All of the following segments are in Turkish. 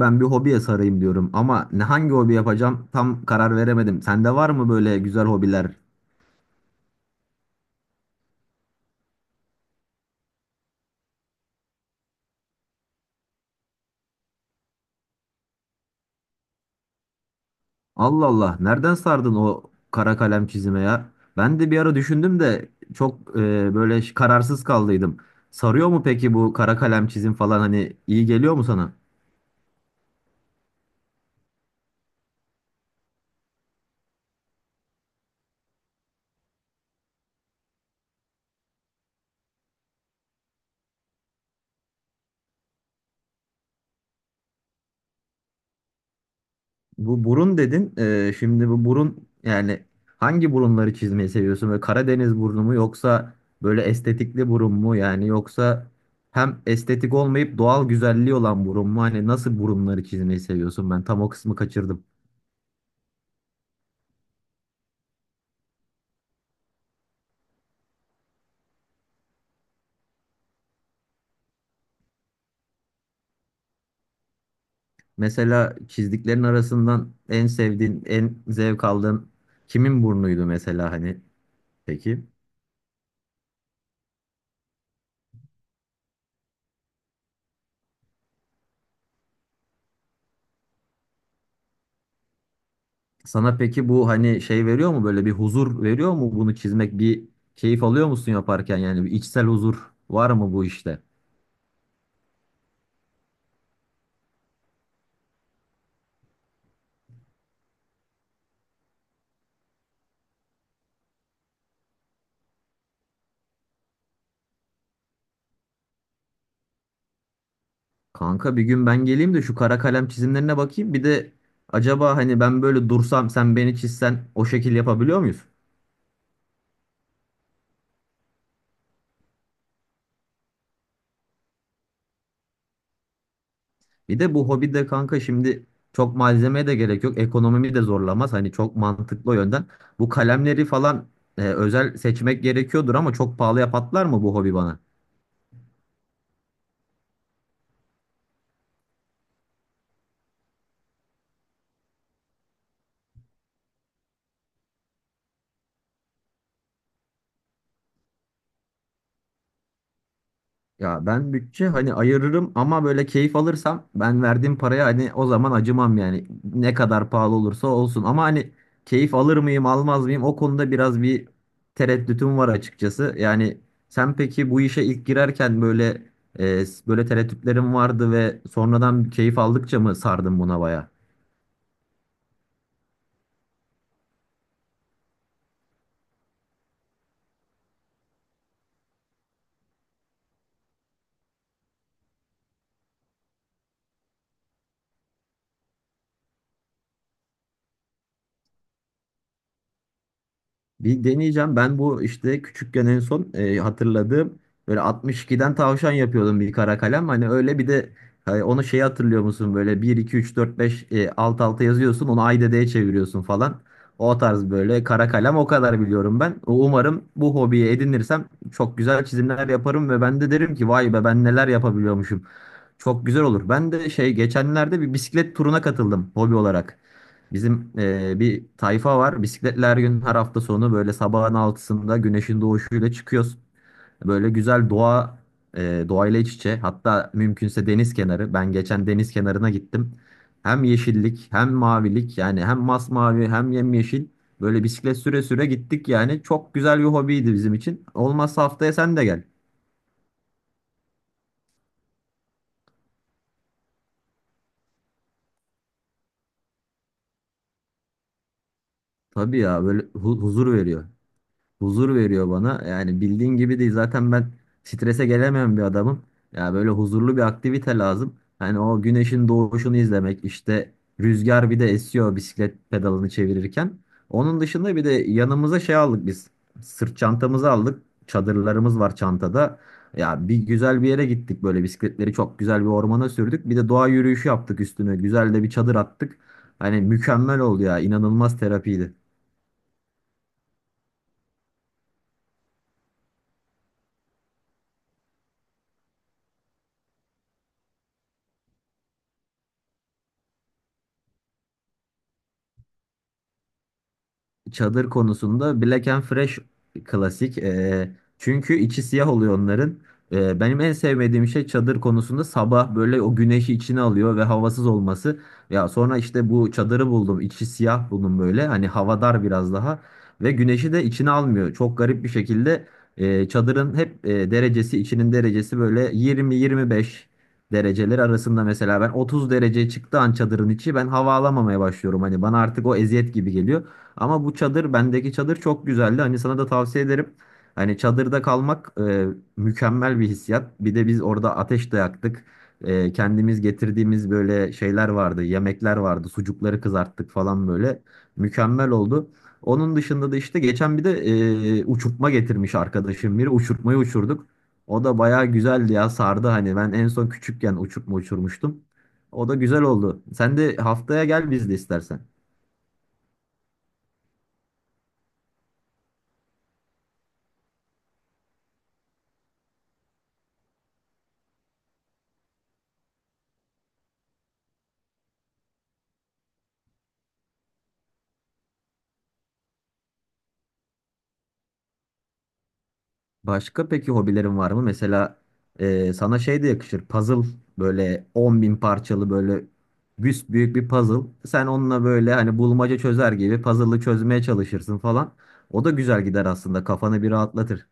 Ben bir hobiye sarayım diyorum ama ne hangi hobi yapacağım tam karar veremedim. Sende var mı böyle güzel hobiler? Allah Allah, nereden sardın o kara kalem çizime ya? Ben de bir ara düşündüm de çok böyle kararsız kaldıydım. Sarıyor mu peki bu kara kalem çizim falan hani iyi geliyor mu sana? Bu burun dedin. Şimdi bu burun yani hangi burunları çizmeyi seviyorsun? Böyle Karadeniz burnu mu yoksa böyle estetikli burun mu? Yani yoksa hem estetik olmayıp doğal güzelliği olan burun mu? Hani nasıl burunları çizmeyi seviyorsun? Ben tam o kısmı kaçırdım. Mesela çizdiklerin arasından en sevdiğin, en zevk aldığın kimin burnuydu mesela hani? Peki. Sana peki bu hani şey veriyor mu, böyle bir huzur veriyor mu bunu çizmek, bir keyif alıyor musun yaparken, yani bir içsel huzur var mı bu işte? Kanka bir gün ben geleyim de şu kara kalem çizimlerine bakayım bir de, acaba hani ben böyle dursam sen beni çizsen o şekil yapabiliyor muyuz? Bir de bu hobide kanka şimdi çok malzemeye de gerek yok, ekonomimi de zorlamaz hani, çok mantıklı o yönden. Bu kalemleri falan özel seçmek gerekiyordur ama çok pahalıya patlar mı bu hobi bana? Ya ben bütçe hani ayırırım ama böyle keyif alırsam ben verdiğim paraya hani o zaman acımam yani, ne kadar pahalı olursa olsun ama hani keyif alır mıyım almaz mıyım, o konuda biraz bir tereddütüm var açıkçası. Yani sen peki bu işe ilk girerken böyle böyle tereddütlerin vardı ve sonradan keyif aldıkça mı sardın buna baya? Bir deneyeceğim. Ben bu işte küçükken en son hatırladığım böyle 62'den tavşan yapıyordum bir kara kalem. Hani öyle bir de, hani onu şey, hatırlıyor musun böyle bir 2 3 4 5 alt alta yazıyorsun onu, ay dedeye çeviriyorsun falan. O tarz böyle kara kalem, o kadar biliyorum ben. Umarım bu hobiyi edinirsem çok güzel çizimler yaparım ve ben de derim ki vay be, ben neler yapabiliyormuşum. Çok güzel olur. Ben de şey, geçenlerde bir bisiklet turuna katıldım hobi olarak. Bizim bir tayfa var. Bisikletler gün her hafta sonu böyle sabahın altısında güneşin doğuşuyla çıkıyoruz. Böyle güzel doğa, doğayla iç içe. Hatta mümkünse deniz kenarı. Ben geçen deniz kenarına gittim. Hem yeşillik hem mavilik, yani hem masmavi hem yemyeşil. Böyle bisiklet süre süre gittik yani. Çok güzel bir hobiydi bizim için. Olmazsa haftaya sen de gel. Tabii ya, böyle huzur veriyor. Huzur veriyor bana. Yani bildiğin gibi değil. Zaten ben strese gelemeyen bir adamım. Ya böyle huzurlu bir aktivite lazım. Hani o güneşin doğuşunu izlemek, işte rüzgar bir de esiyor bisiklet pedalını çevirirken. Onun dışında bir de yanımıza şey aldık biz. Sırt çantamızı aldık. Çadırlarımız var çantada. Ya bir güzel bir yere gittik, böyle bisikletleri çok güzel bir ormana sürdük. Bir de doğa yürüyüşü yaptık üstüne. Güzel de bir çadır attık. Hani mükemmel oldu ya. İnanılmaz terapiydi. Çadır konusunda Black and Fresh klasik. Çünkü içi siyah oluyor onların. Benim en sevmediğim şey çadır konusunda, sabah böyle o güneşi içine alıyor ve havasız olması. Ya sonra işte bu çadırı buldum. İçi siyah buldum böyle. Hani havadar biraz daha. Ve güneşi de içine almıyor. Çok garip bir şekilde çadırın hep derecesi, içinin derecesi böyle 20-25 dereceler arasında, mesela ben 30 dereceye çıktığı an çadırın içi, ben hava alamamaya başlıyorum. Hani bana artık o eziyet gibi geliyor. Ama bu çadır, bendeki çadır çok güzeldi. Hani sana da tavsiye ederim. Hani çadırda kalmak mükemmel bir hissiyat. Bir de biz orada ateş de yaktık. Kendimiz getirdiğimiz böyle şeyler vardı. Yemekler vardı. Sucukları kızarttık falan böyle. Mükemmel oldu. Onun dışında da işte geçen bir de uçurtma getirmiş arkadaşım biri. Uçurtmayı uçurduk. O da bayağı güzeldi ya, sardı hani. Ben en son küçükken uçurtma uçurmuştum. O da güzel oldu. Sen de haftaya gel biz de istersen. Başka peki hobilerin var mı? Mesela sana şey de yakışır. Puzzle, böyle 10 bin parçalı böyle büyük bir puzzle. Sen onunla böyle hani bulmaca çözer gibi puzzle'ı çözmeye çalışırsın falan. O da güzel gider aslında. Kafanı bir rahatlatır.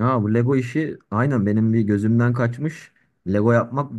Ha, bu Lego işi aynen benim bir gözümden kaçmış. Lego yapmak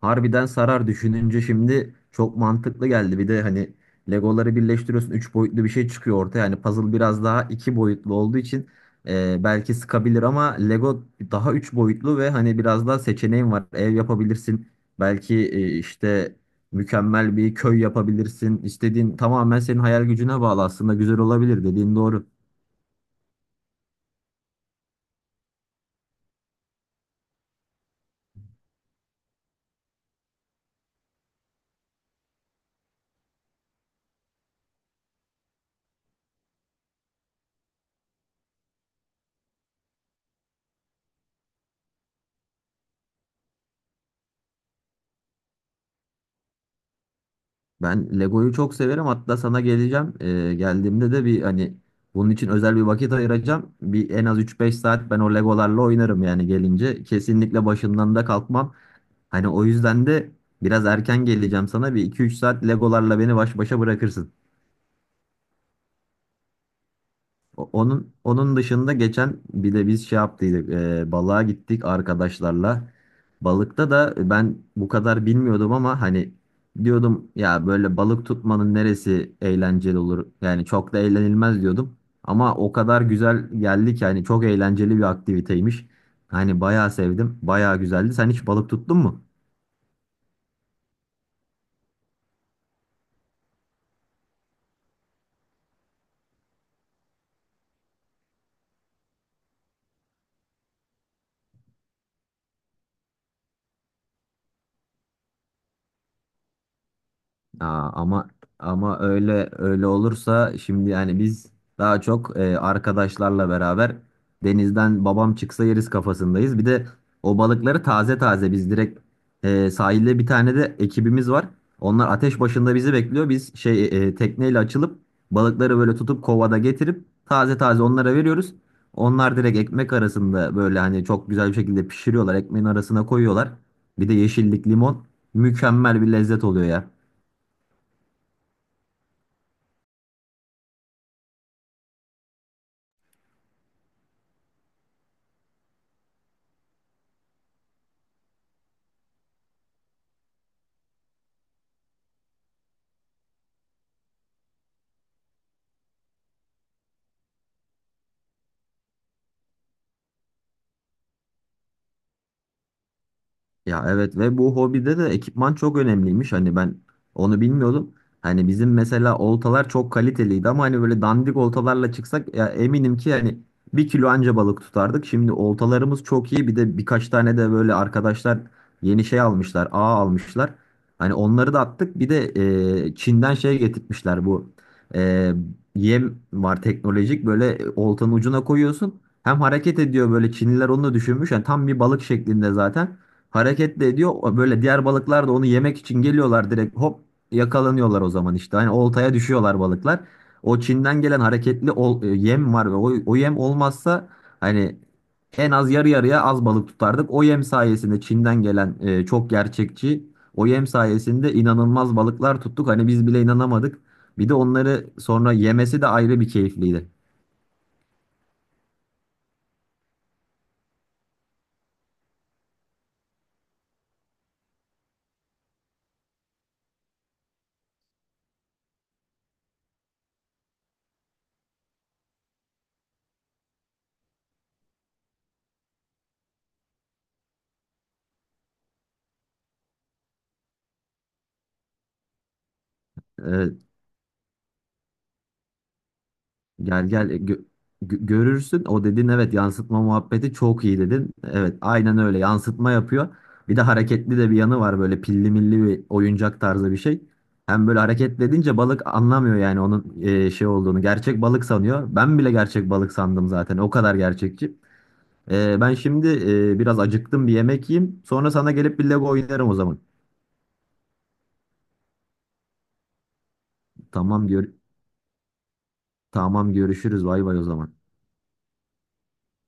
harbiden sarar. Düşününce şimdi çok mantıklı geldi. Bir de hani Legoları birleştiriyorsun, 3 boyutlu bir şey çıkıyor ortaya. Yani puzzle biraz daha 2 boyutlu olduğu için belki sıkabilir ama Lego daha 3 boyutlu ve hani biraz daha seçeneğin var. Ev yapabilirsin. Belki işte mükemmel bir köy yapabilirsin. İstediğin tamamen senin hayal gücüne bağlı. Aslında güzel olabilir, dediğin doğru. Ben Lego'yu çok severim. Hatta sana geleceğim. Geldiğimde de bir hani bunun için özel bir vakit ayıracağım. Bir en az üç beş saat ben o Legolarla oynarım yani gelince. Kesinlikle başından da kalkmam. Hani o yüzden de biraz erken geleceğim sana. Bir iki üç saat Legolarla beni baş başa bırakırsın. Onun dışında geçen bir de biz şey yaptıydık, balığa gittik arkadaşlarla. Balıkta da ben bu kadar bilmiyordum ama hani diyordum ya, böyle balık tutmanın neresi eğlenceli olur? Yani çok da eğlenilmez diyordum. Ama o kadar güzel geldi ki hani, çok eğlenceli bir aktiviteymiş. Hani bayağı sevdim, bayağı güzeldi. Sen hiç balık tuttun mu? Aa, ama öyle öyle olursa şimdi, yani biz daha çok arkadaşlarla beraber denizden babam çıksa yeriz kafasındayız. Bir de o balıkları taze taze biz direkt, sahilde bir tane de ekibimiz var. Onlar ateş başında bizi bekliyor. Biz şey, tekneyle açılıp balıkları böyle tutup kovada getirip taze taze onlara veriyoruz. Onlar direkt ekmek arasında böyle hani çok güzel bir şekilde pişiriyorlar. Ekmeğin arasına koyuyorlar. Bir de yeşillik, limon, mükemmel bir lezzet oluyor ya. Ya evet, ve bu hobide de ekipman çok önemliymiş. Hani ben onu bilmiyordum. Hani bizim mesela oltalar çok kaliteliydi ama hani böyle dandik oltalarla çıksak ya, eminim ki yani bir kilo anca balık tutardık. Şimdi oltalarımız çok iyi. Bir de birkaç tane de böyle arkadaşlar yeni şey almışlar, ağ almışlar. Hani onları da attık. Bir de Çin'den şey getirtmişler, bu e, yem var teknolojik, böyle oltanın ucuna koyuyorsun. Hem hareket ediyor böyle. Çinliler onu da düşünmüş. Yani tam bir balık şeklinde zaten. Hareket de ediyor. Böyle diğer balıklar da onu yemek için geliyorlar, direkt hop yakalanıyorlar o zaman işte. Hani oltaya düşüyorlar balıklar. O Çin'den gelen hareketli yem var ve o yem olmazsa hani en az yarı yarıya az balık tutardık. O yem sayesinde, Çin'den gelen çok gerçekçi o yem sayesinde inanılmaz balıklar tuttuk. Hani biz bile inanamadık. Bir de onları sonra yemesi de ayrı bir keyifliydi. E, Gel gel, görürsün. O dedin, evet, yansıtma muhabbeti çok iyi dedin. Evet, aynen öyle yansıtma yapıyor. Bir de hareketli de bir yanı var, böyle pilli milli bir oyuncak tarzı bir şey. Hem böyle hareketli edince balık anlamıyor yani onun şey olduğunu. Gerçek balık sanıyor. Ben bile gerçek balık sandım zaten. O kadar gerçekçi. Ben şimdi biraz acıktım, bir yemek yiyeyim. Sonra sana gelip bir Lego oynarım o zaman. Tamam, tamam görüşürüz. Bay bay o zaman.